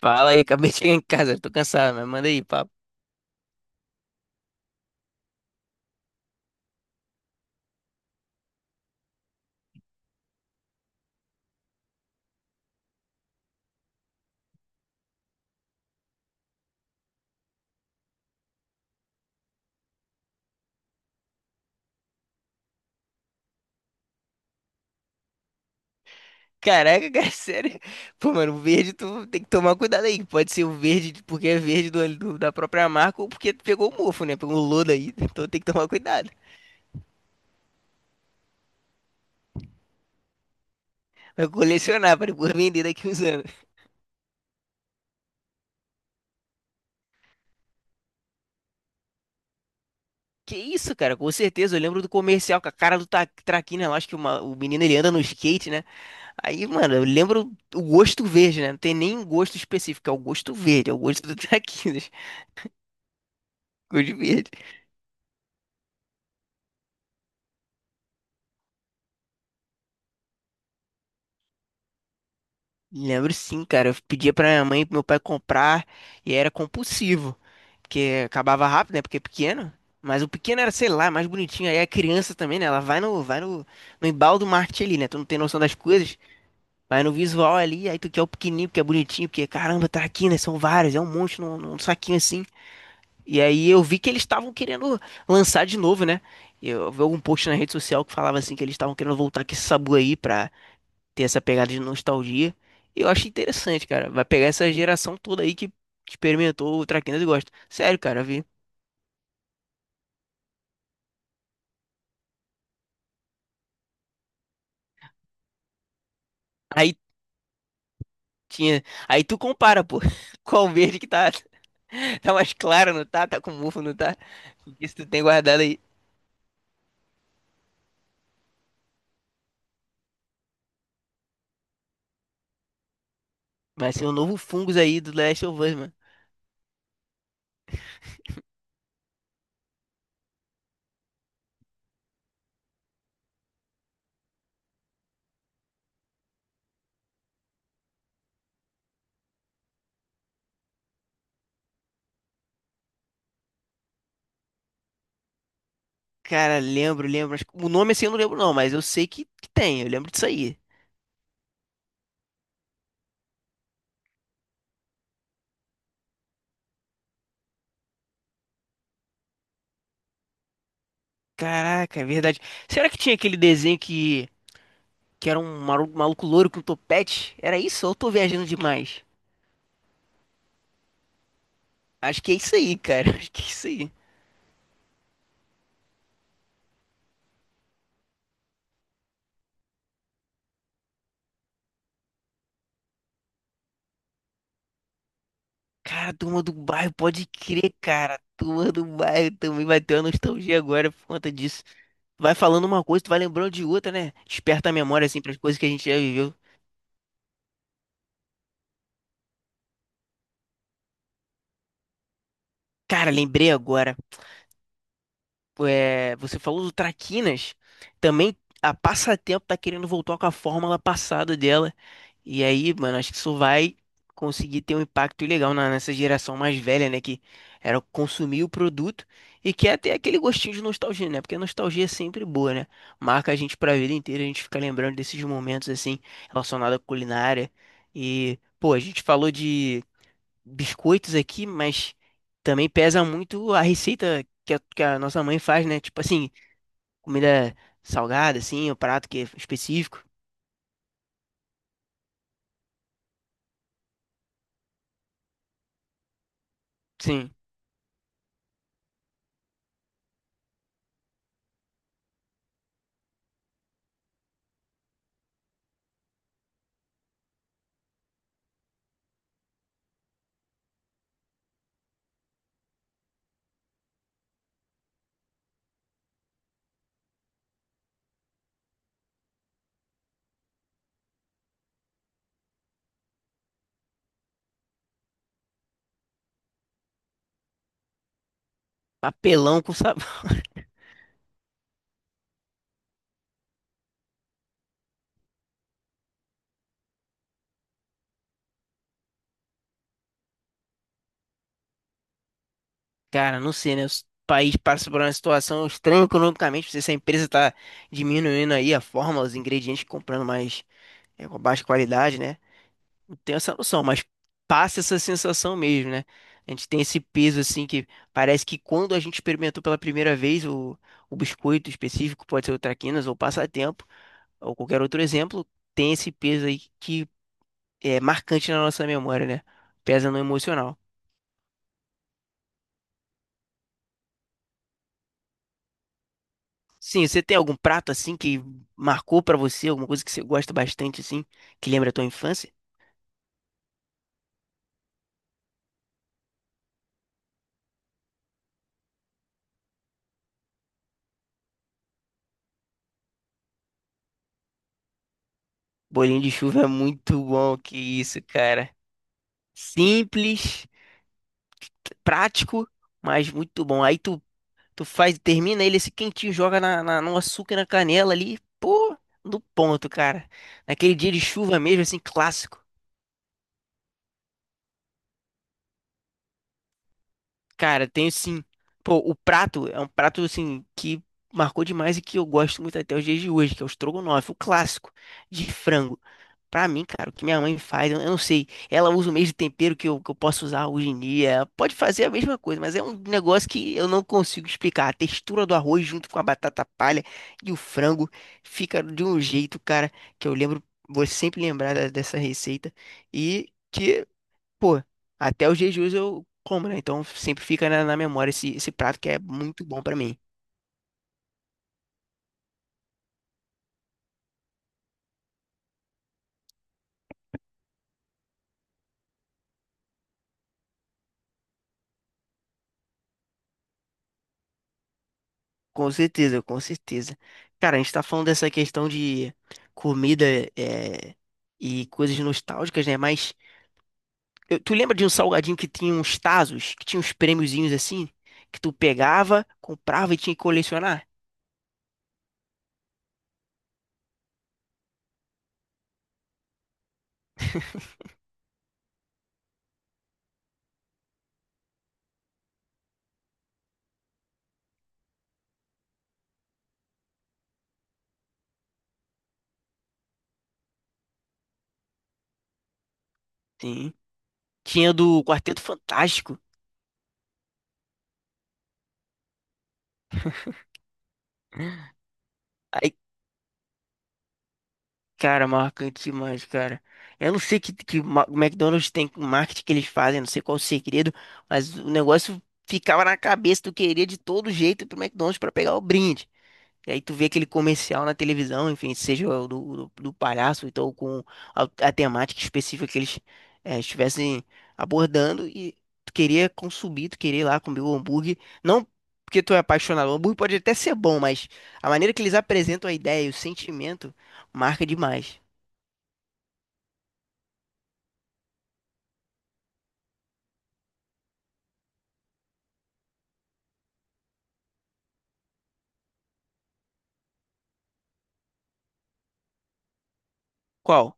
Fala aí, acabei de chegar em casa, tô cansado, mas manda aí, papo. Caraca, cara, sério. Pô, mano, o verde tu tem que tomar cuidado aí. Pode ser o verde de- porque é verde do, do- da própria marca ou porque pegou o mofo, né? Pegou o lodo aí. Então tem que tomar cuidado. Vai colecionar pra depois vender daqui uns anos. Que isso, cara, com certeza. Eu lembro do comercial com a cara do Ta- Traquina. Eu acho que uma- o menino ele anda no skate, né? Aí, mano, eu lembro o gosto verde, né? Não tem nem um gosto específico, é o gosto verde, é o gosto do Traquinas. Gosto de verde. Lembro sim, cara. Eu pedia pra minha mãe e pro meu pai comprar e era compulsivo. Porque acabava rápido, né? Porque é pequeno. Mas o pequeno era, sei lá, mais bonitinho. Aí a criança também, né? Ela vai no no embalo do marketing ali, né? Tu não tem noção das coisas. Vai no visual ali, aí tu quer o pequenininho, porque é bonitinho, porque caramba, tá aqui, né? São vários, é um monte num saquinho assim. E aí eu vi que eles estavam querendo lançar de novo, né? Eu vi algum post na rede social que falava assim que eles estavam querendo voltar com esse sabu aí pra tem essa pegada de nostalgia. E eu acho interessante, cara. Vai pegar essa geração toda aí que experimentou o Traquinas e gosta. Sério, cara, vi. Aí tinha. Aí tu compara, pô. Qual verde que tá. Tá mais claro, não tá? Tá com mofo, não tá? Isso tu tem guardado aí. Vai ser um novo fungus aí do Last of Us, mano. Cara, lembro, lembro. Acho que- O nome assim eu não lembro, não, mas eu sei que tem. Eu lembro disso aí. Caraca, é verdade. Será que tinha aquele desenho que era um maru- maluco louro com topete? Era isso? Ou eu tô viajando demais? Acho que é isso aí, cara. Acho que é isso aí. Cara, a turma do bairro, pode crer, cara. A turma do bairro também vai ter uma nostalgia agora por conta disso. Vai falando uma coisa, tu vai lembrando de outra, né? Desperta a memória, assim, pras coisas que a gente já viveu. Cara, lembrei agora. É, você falou do Traquinas, também a Passatempo tá querendo voltar com a fórmula passada dela. E aí, mano, acho que isso vai conseguir ter um impacto legal na- nessa geração mais velha, né? Que era consumir o produto e quer ter aquele gostinho de nostalgia, né? Porque a nostalgia é sempre boa, né? Marca a gente pra vida inteira, a gente fica lembrando desses momentos, assim, relacionados à culinária. E, pô, a gente falou de biscoitos aqui, mas também pesa muito a receita que a nossa mãe faz, né? Tipo assim, comida salgada, assim, o prato que é específico. Sim, papelão com sabor. Cara, não sei, né? O país passa por uma situação estranha economicamente. Não sei se a empresa tá diminuindo aí a forma, os ingredientes, comprando mais é, com baixa qualidade, né? Tenho essa noção, mas passa essa sensação mesmo, né? A gente tem esse peso assim que parece que quando a gente experimentou pela primeira vez o biscoito específico, pode ser o Traquinas ou Passatempo, ou qualquer outro exemplo, tem esse peso aí que é marcante na nossa memória, né? Pesa no emocional. Sim, você tem algum prato assim que marcou pra você, alguma coisa que você gosta bastante assim, que lembra a tua infância? Bolinho de chuva é muito bom, que isso, cara. Simples, prático, mas muito bom. Aí tu Tu faz, termina ele esse quentinho, joga na, na- no açúcar e na canela ali, pô, no ponto, cara. Naquele dia de chuva mesmo, assim, clássico. Cara, tenho sim. Pô, o prato é um prato, assim, que marcou demais e que eu gosto muito até os dias de hoje, que é o estrogonofe, o clássico de frango. Pra mim, cara, o que minha mãe faz, eu não sei. Ela usa o mesmo tempero que eu posso usar hoje em dia. Ela pode fazer a mesma coisa, mas é um negócio que eu não consigo explicar. A textura do arroz junto com a batata palha e o frango fica de um jeito, cara, que eu lembro, vou sempre lembrar da- dessa receita. E que, pô, até os jejuns eu como, né? Então sempre fica na memória esse, esse prato que é muito bom pra mim. Com certeza, com certeza. Cara, a gente tá falando dessa questão de comida é, e coisas nostálgicas, né? Mas eu- tu lembra de um salgadinho que tinha uns tazos, que tinha uns prêmiozinhos assim, que tu pegava, comprava e tinha que colecionar? Sim. Tinha do Quarteto Fantástico. Aí, cara, marcante demais, cara. Eu não sei que ma- o McDonald's tem com marketing que eles fazem, não sei qual o segredo, mas o negócio ficava na cabeça, tu queria de todo jeito ir pro McDonald's pra pegar o brinde. E aí tu vê aquele comercial na televisão, enfim, seja o do palhaço, então com a temática específica que eles estivessem abordando e tu queria consumir, tu queria ir lá comer o hambúrguer, não porque tu é apaixonado, o hambúrguer pode até ser bom, mas a maneira que eles apresentam a ideia e o sentimento marca demais. Qual?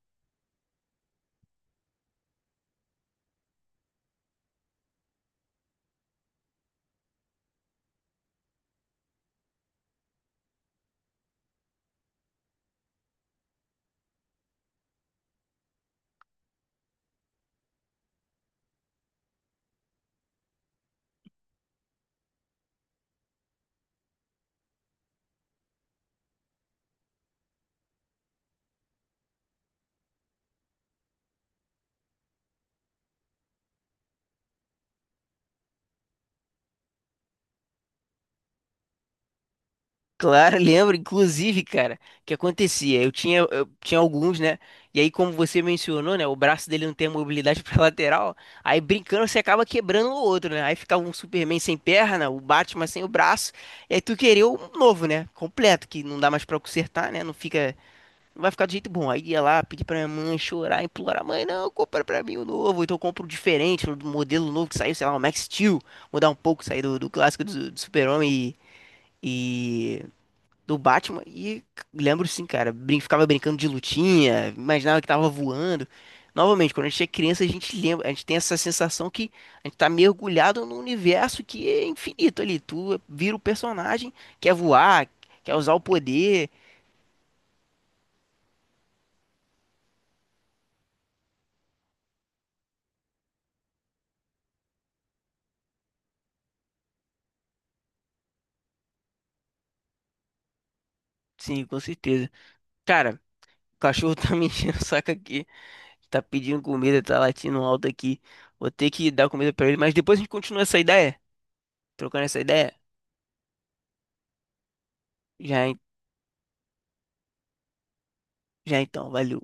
Claro, lembro, inclusive, cara, o que acontecia? Eu tinha alguns, né? E aí, como você mencionou, né? O braço dele não tem a mobilidade pra lateral. Aí, brincando, você acaba quebrando o outro, né? Aí ficava um Superman sem perna, o Batman sem o braço. E aí, tu queria um novo, né? Completo, que não dá mais pra consertar, né? Não fica, não vai ficar do jeito bom. Aí ia lá, pedir pra minha mãe chorar, implorar: mãe, não, compra pra mim o novo. Então, eu compro o diferente, o modelo novo que saiu, sei lá, o Max Steel. Mudar um pouco, sair do, do clássico do Super-Homem e do Batman e lembro sim, cara, brin ficava brincando de lutinha, imaginava que tava voando. Novamente, quando a gente é criança, a gente lembra, a gente tem essa sensação que a gente tá mergulhado num universo que é infinito ali. Tu vira o personagem, quer voar, quer usar o poder. Sim, com certeza. Cara, o cachorro tá me enchendo o saco aqui, tá pedindo comida, tá latindo alto aqui. Vou ter que dar comida pra ele, mas depois a gente continua essa ideia, trocando essa ideia. Já, en- já então, valeu.